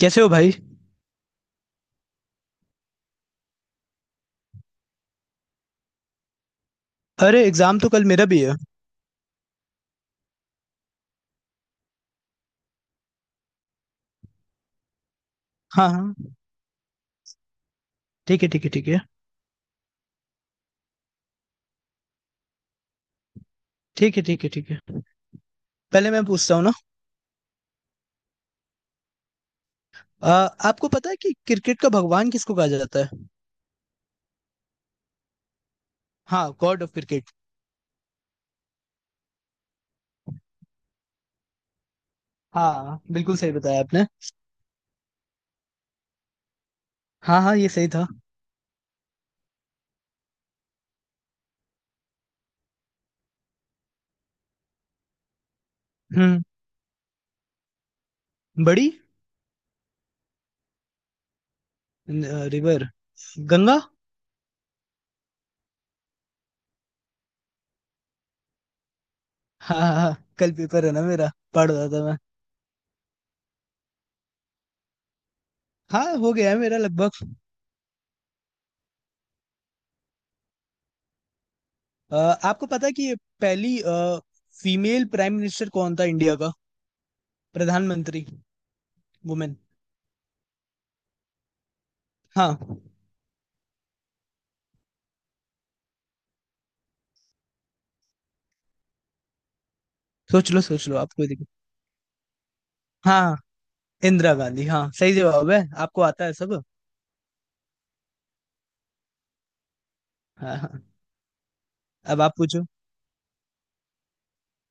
कैसे हो भाई? अरे एग्जाम तो कल मेरा भी है। हाँ हाँ। ठीक है ठीक है ठीक है। ठीक है ठीक है ठीक है। पहले मैं पूछता हूँ ना। आ, आपको पता है कि क्रिकेट का भगवान किसको कहा जाता है? हाँ, गॉड ऑफ क्रिकेट। हाँ बिल्कुल सही बताया आपने। हाँ हाँ ये सही था। हम्म। बड़ी। रिवर। गंगा। हाँ हाँ हाँ, कल पेपर है ना मेरा। पढ़ रहा था मैं। हाँ हो गया है मेरा लगभग। आ, आपको पता है कि ये पहली फीमेल प्राइम मिनिस्टर कौन था इंडिया का? प्रधानमंत्री। वुमेन। हाँ। सोच लो आपको। हाँ, इंदिरा गांधी। हाँ सही जवाब है। आपको आता है सब। हाँ हाँ। अब आप पूछो।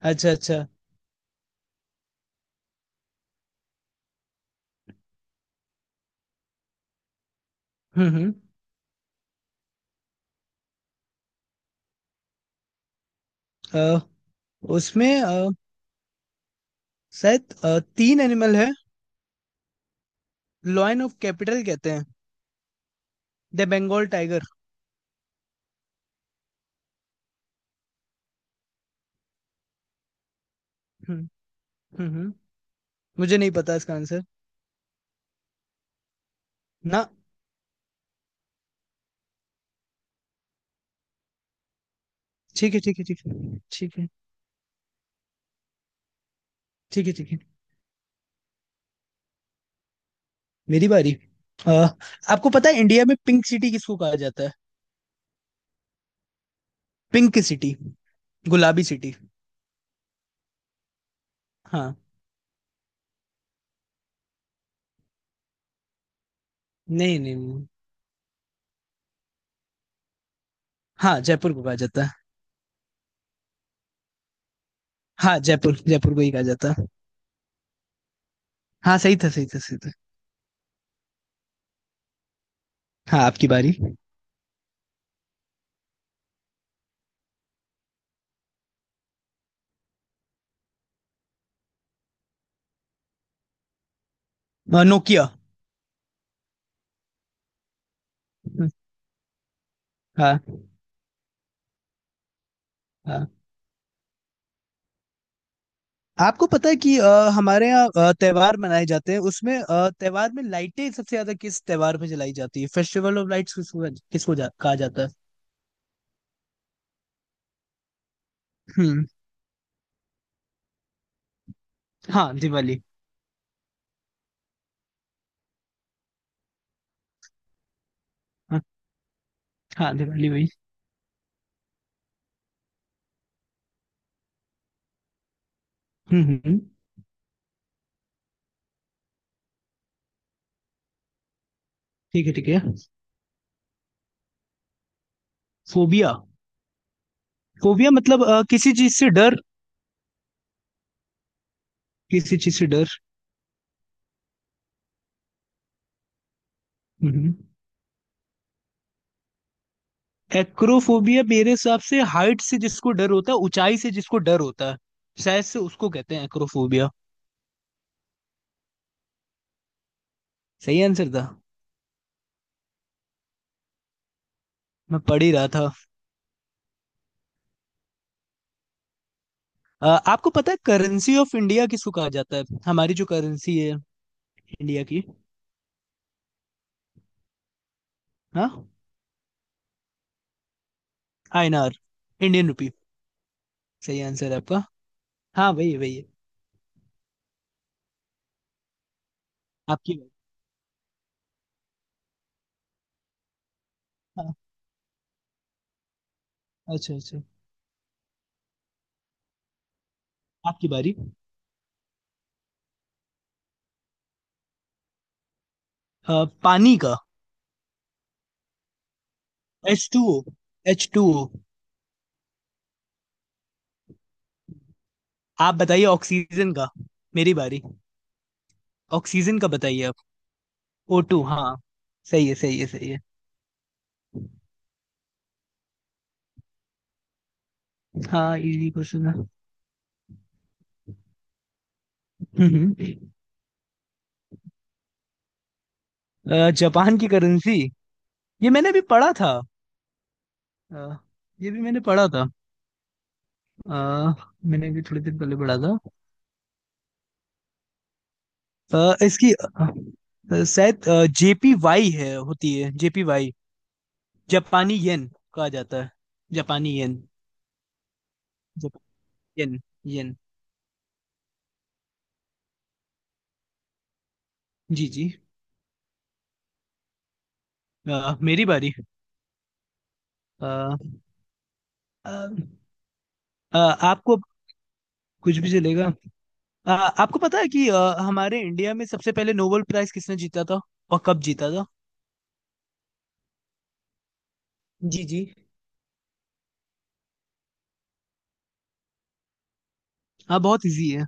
अच्छा अच्छा। हम्म हम्म अ, उसमें शायद तीन एनिमल है। लॉयन ऑफ कैपिटल कहते हैं। The Bengal tiger. हम्म हम्म हम्म। मुझे नहीं पता इसका आंसर। ना। ठीक है ठीक है ठीक है। ठीक है ठीक है ठीक है। मेरी बारी। अ, आपको पता है इंडिया में पिंक सिटी किसको कहा जाता है? Pink city. गुलाबी सिटी। हाँ। नहीं नहीं नहीं। हाँ जयपुर को कहा जाता है। हाँ जयपुर जयपुर को ही कहा जाता है। हाँ सही था सही था सही था। हाँ आपकी बारी। नोकिया। हाँ हाँ। आपको पता है कि हमारे यहाँ त्योहार मनाए जाते हैं, उसमें त्योहार में लाइटें सबसे ज्यादा किस त्योहार में जलाई जाती है? फेस्टिवल ऑफ लाइट्स किसको किसको कहा जाता है? हम्म। हाँ दिवाली। हाँ हाँ, दिवाली वही। हम्म हम्म, ठीक है ठीक है। फोबिया। फोबिया मतलब किसी चीज से डर। किसी चीज से डर। हम्म। एक्रोफोबिया मेरे हिसाब से हाइट से जिसको डर होता है, ऊंचाई से जिसको डर होता है, शायद से उसको कहते हैं एक्रोफोबिया। सही आंसर था। मैं पढ़ ही रहा था। आपको पता है करेंसी ऑफ इंडिया किसको कहा जाता है, हमारी जो करेंसी है, इंडिया की? हाँ। आईएनआर। Indian rupee. सही आंसर है आपका। हाँ वही है वही है। आपकी बारी। हाँ। अच्छा अच्छा। आपकी बारी। पानी का। H2O। H2O। आप बताइए ऑक्सीजन का। मेरी बारी। ऑक्सीजन का बताइए आप। O2। हाँ सही है सही है सही है। हाँ इजी क्वेश्चन है। हम्म हम्म। जापान की करेंसी। ये मैंने भी पढ़ा था। अ, ये भी मैंने पढ़ा था। अ, मैंने भी थोड़ी देर पहले पढ़ा था। अ, इसकी अ, शायद JPY है, होती है JPY, जापानी येन कहा जाता है। जापानी येन। जाप, येन। येन। जी जी। मेरी बारी। अ, अ, अ, आपको। कुछ भी चलेगा। आपको पता है कि हमारे इंडिया में सबसे पहले नोबेल प्राइज किसने जीता था और कब जीता था? जी जी। हाँ बहुत इजी है।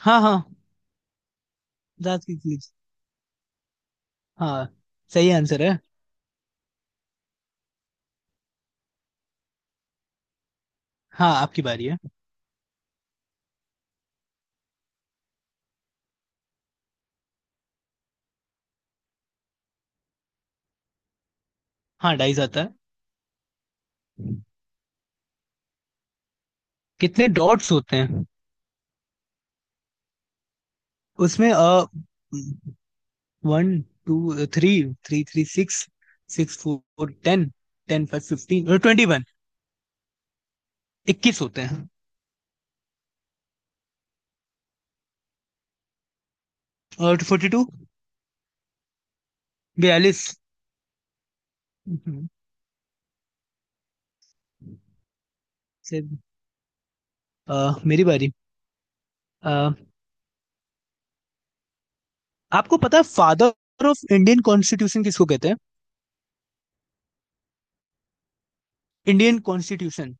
हाँ हाँ। रात की क्लीज। हाँ सही आंसर है। हाँ आपकी बारी है। हाँ डाइस आता है। कितने डॉट्स होते हैं? उसमें अ, 1, 2, 3, three three six, four ten, five fifteen twenty one. 21 होते हैं। और 42। 42। हम्म, से- आ, मेरी बारी। आपको पता है फादर ऑफ इंडियन कॉन्स्टिट्यूशन किसको कहते हैं? Indian constitution.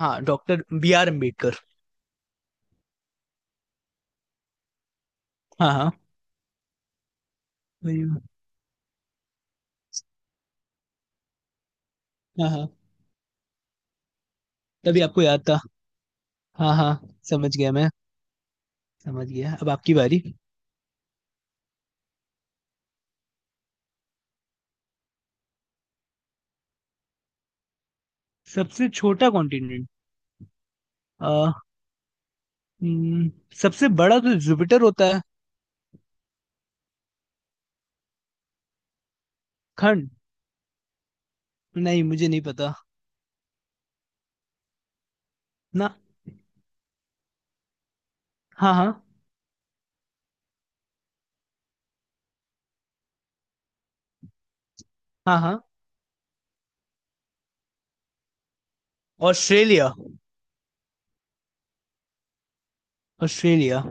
हाँ डॉक्टर B.R. अम्बेडकर। हाँ हाँ वही। हाँ हाँ। तभी आपको याद था। हाँ हाँ। समझ गया मैं। समझ गया। अब आपकी बारी। सबसे छोटा कॉन्टिनेंट। आ, हम्म, सबसे बड़ा तो जुपिटर होता है। खंड। नहीं मुझे नहीं पता। ना। हाँ हाँ। हाँ हाँ। ऑस्ट्रेलिया। ऑस्ट्रेलिया।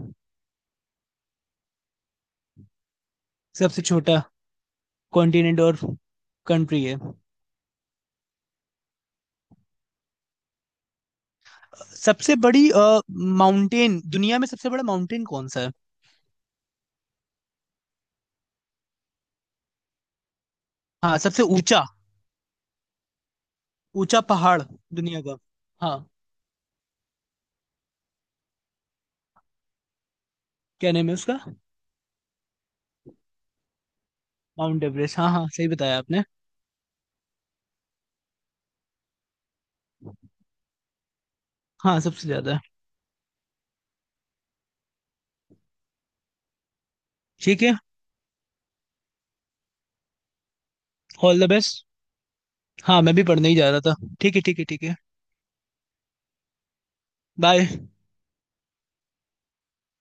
सबसे छोटा कॉन्टिनेंट और कंट्री है। सबसे बड़ी माउंटेन, दुनिया में सबसे बड़ा माउंटेन कौन सा है? हाँ सबसे ऊंचा। ऊंचा पहाड़ दुनिया का। हाँ। क्या नेम है उसका? Mount Everest. हाँ हाँ सही बताया आपने। हाँ सबसे ज्यादा है। ठीक है। All the best. हाँ मैं भी पढ़ने ही जा रहा था। ठीक है ठीक है ठीक है। बाय।